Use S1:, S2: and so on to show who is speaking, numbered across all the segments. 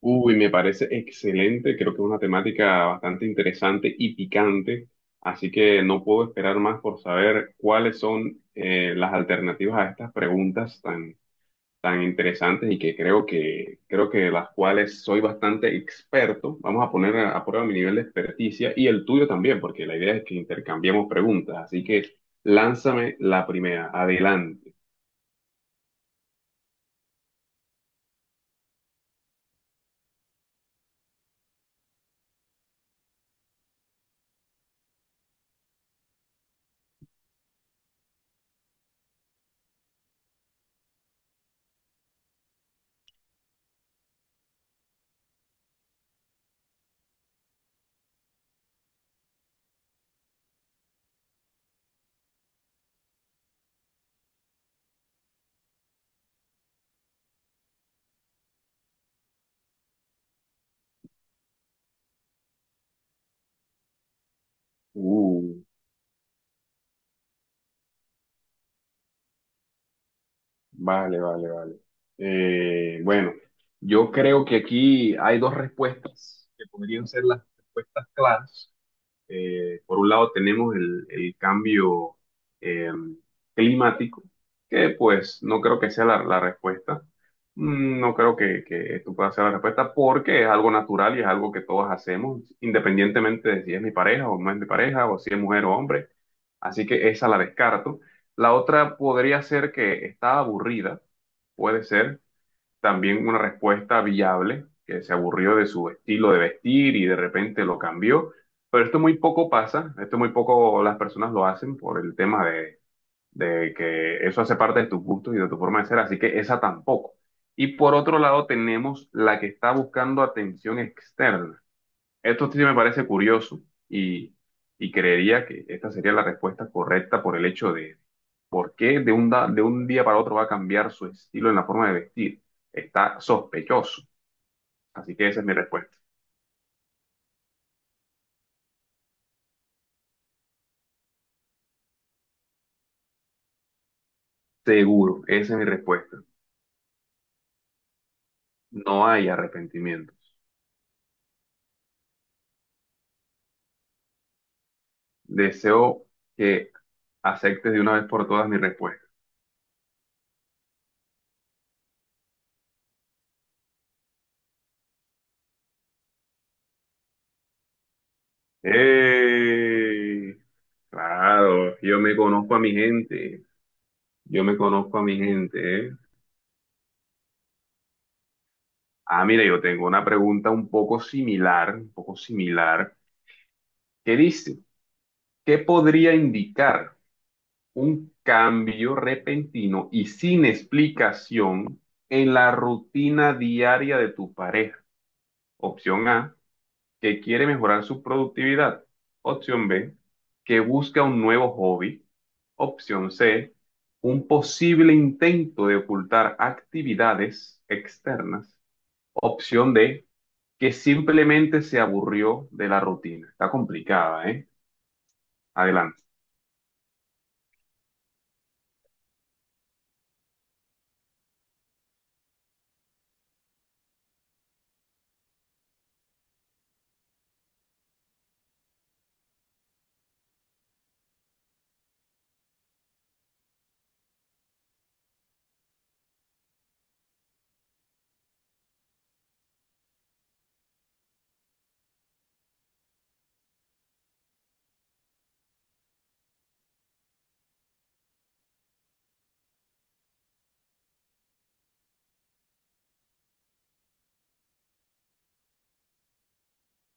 S1: Uy, me parece excelente, creo que es una temática bastante interesante y picante, así que no puedo esperar más por saber cuáles son las alternativas a estas preguntas tan interesantes y que creo que las cuales soy bastante experto. Vamos a poner a prueba mi nivel de experticia y el tuyo también, porque la idea es que intercambiemos preguntas, así que lánzame la primera, adelante. Uh. Vale, vale, vale. Bueno, yo creo que aquí hay dos respuestas que podrían ser las respuestas claras. Por un lado tenemos el cambio eh, climático, que pues no creo que sea la respuesta. No creo que esto pueda ser la respuesta porque es algo natural y es algo que todos hacemos, independientemente de si es mi pareja o no es mi pareja, o si es mujer o hombre. Así que esa la descarto. La otra podría ser que está aburrida. Puede ser también una respuesta viable, que se aburrió de su estilo de vestir y de repente lo cambió. Pero esto muy poco pasa, esto muy poco las personas lo hacen por el tema de que eso hace parte de tus gustos y de tu forma de ser, así que esa tampoco. Y por otro lado tenemos la que está buscando atención externa. Esto sí me parece curioso y, y creería que esta sería la respuesta correcta por el hecho de por qué de de un día para otro va a cambiar su estilo en la forma de vestir. Está sospechoso. Así que esa es mi respuesta. Seguro, esa es mi respuesta. No hay arrepentimientos. Deseo que aceptes de una vez por todas mi respuesta. ¡Ey! Claro, yo me conozco a mi gente. Yo me conozco a mi gente, ¿eh? Ah, mira, yo tengo una pregunta un poco similar, que dice, ¿qué podría indicar un cambio repentino y sin explicación en la rutina diaria de tu pareja? Opción A, que quiere mejorar su productividad. Opción B, que busca un nuevo hobby. Opción C, un posible intento de ocultar actividades externas. Opción D, que simplemente se aburrió de la rutina. Está complicada, ¿eh? Adelante.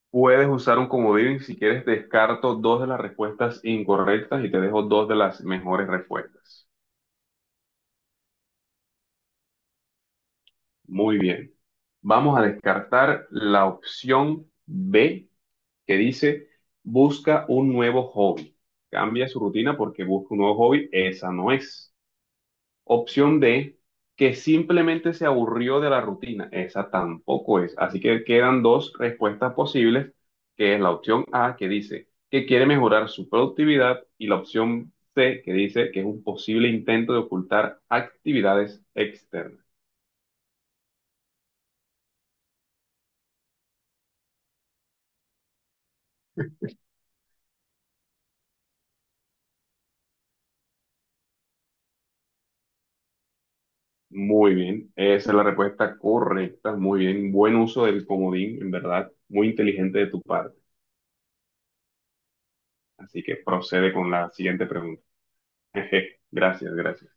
S1: Puedes usar un comodín si quieres, descarto dos de las respuestas incorrectas y te dejo dos de las mejores respuestas. Muy bien. Vamos a descartar la opción B que dice busca un nuevo hobby. Cambia su rutina porque busca un nuevo hobby. Esa no es. Opción D, que simplemente se aburrió de la rutina. Esa tampoco es. Así que quedan dos respuestas posibles, que es la opción A, que dice que quiere mejorar su productividad, y la opción C, que dice que es un posible intento de ocultar actividades externas. Muy bien, esa es la respuesta correcta. Muy bien, buen uso del comodín, en verdad, muy inteligente de tu parte. Así que procede con la siguiente pregunta. Gracias, gracias.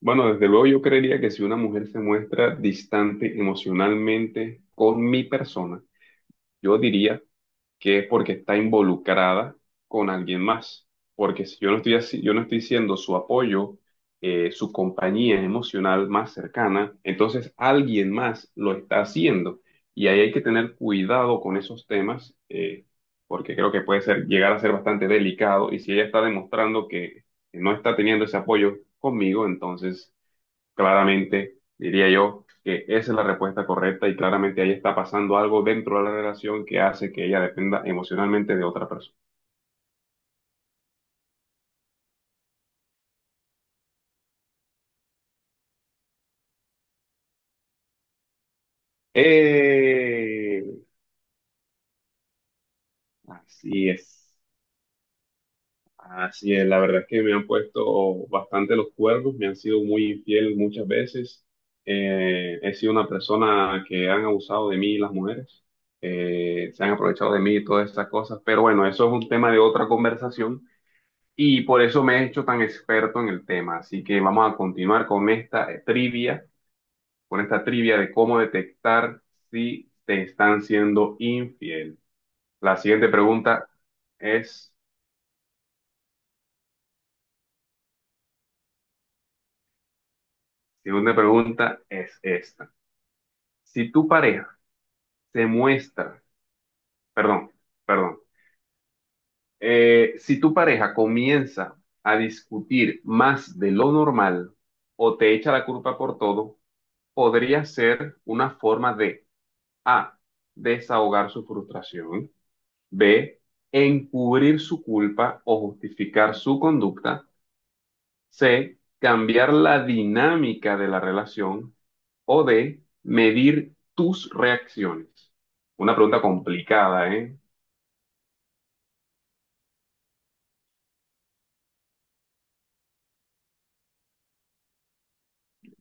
S1: Bueno, desde luego yo creería que si una mujer se muestra distante emocionalmente con mi persona, yo diría que es porque está involucrada con alguien más. Porque si yo no estoy así, yo no estoy siendo su apoyo, su compañía emocional más cercana, entonces alguien más lo está haciendo. Y ahí hay que tener cuidado con esos temas, porque creo que puede ser, llegar a ser bastante delicado. Y si ella está demostrando que no está teniendo ese apoyo conmigo, entonces claramente, diría yo que esa es la respuesta correcta y claramente ahí está pasando algo dentro de la relación que hace que ella dependa emocionalmente de otra persona. ¡Eh! Así es, así es. La verdad es que me han puesto bastante los cuernos, me han sido muy infiel muchas veces. He sido una persona que han abusado de mí las mujeres, se han aprovechado de mí y todas esas cosas, pero bueno, eso es un tema de otra conversación. Y por eso me he hecho tan experto en el tema. Así que vamos a continuar con esta trivia, con esta trivia de cómo detectar si te están siendo infiel. La siguiente pregunta es, segunda pregunta es esta. Si tu pareja se muestra, perdón, perdón, si tu pareja comienza a discutir más de lo normal o te echa la culpa por todo, podría ser una forma de A. Desahogar su frustración. B. Encubrir su culpa o justificar su conducta. C. Cambiar la dinámica de la relación. O D. Medir tus reacciones. Una pregunta complicada, ¿eh?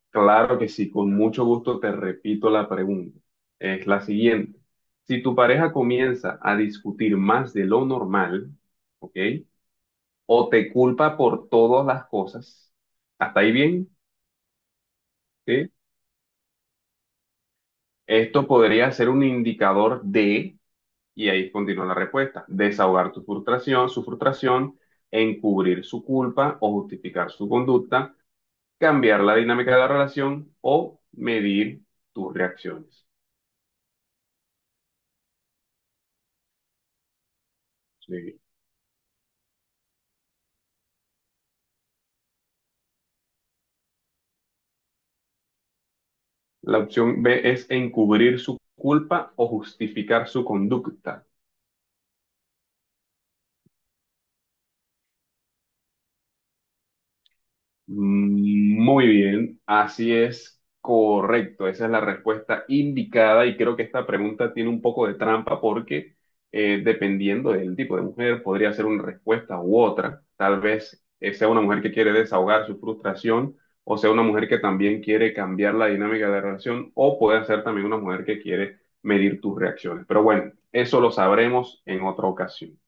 S1: Claro que sí, con mucho gusto te repito la pregunta. Es la siguiente. Si tu pareja comienza a discutir más de lo normal, ¿ok? O te culpa por todas las cosas. ¿Hasta ahí bien? ¿Sí? Esto podría ser un indicador de, y ahí continúa la respuesta, su frustración, encubrir su culpa o justificar su conducta, cambiar la dinámica de la relación o medir tus reacciones. Sí. La opción B es encubrir su culpa o justificar su conducta. Muy bien, así es correcto, esa es la respuesta indicada y creo que esta pregunta tiene un poco de trampa porque dependiendo del tipo de mujer podría ser una respuesta u otra, tal vez sea una mujer que quiere desahogar su frustración o sea una mujer que también quiere cambiar la dinámica de la relación o puede ser también una mujer que quiere medir tus reacciones, pero bueno, eso lo sabremos en otra ocasión.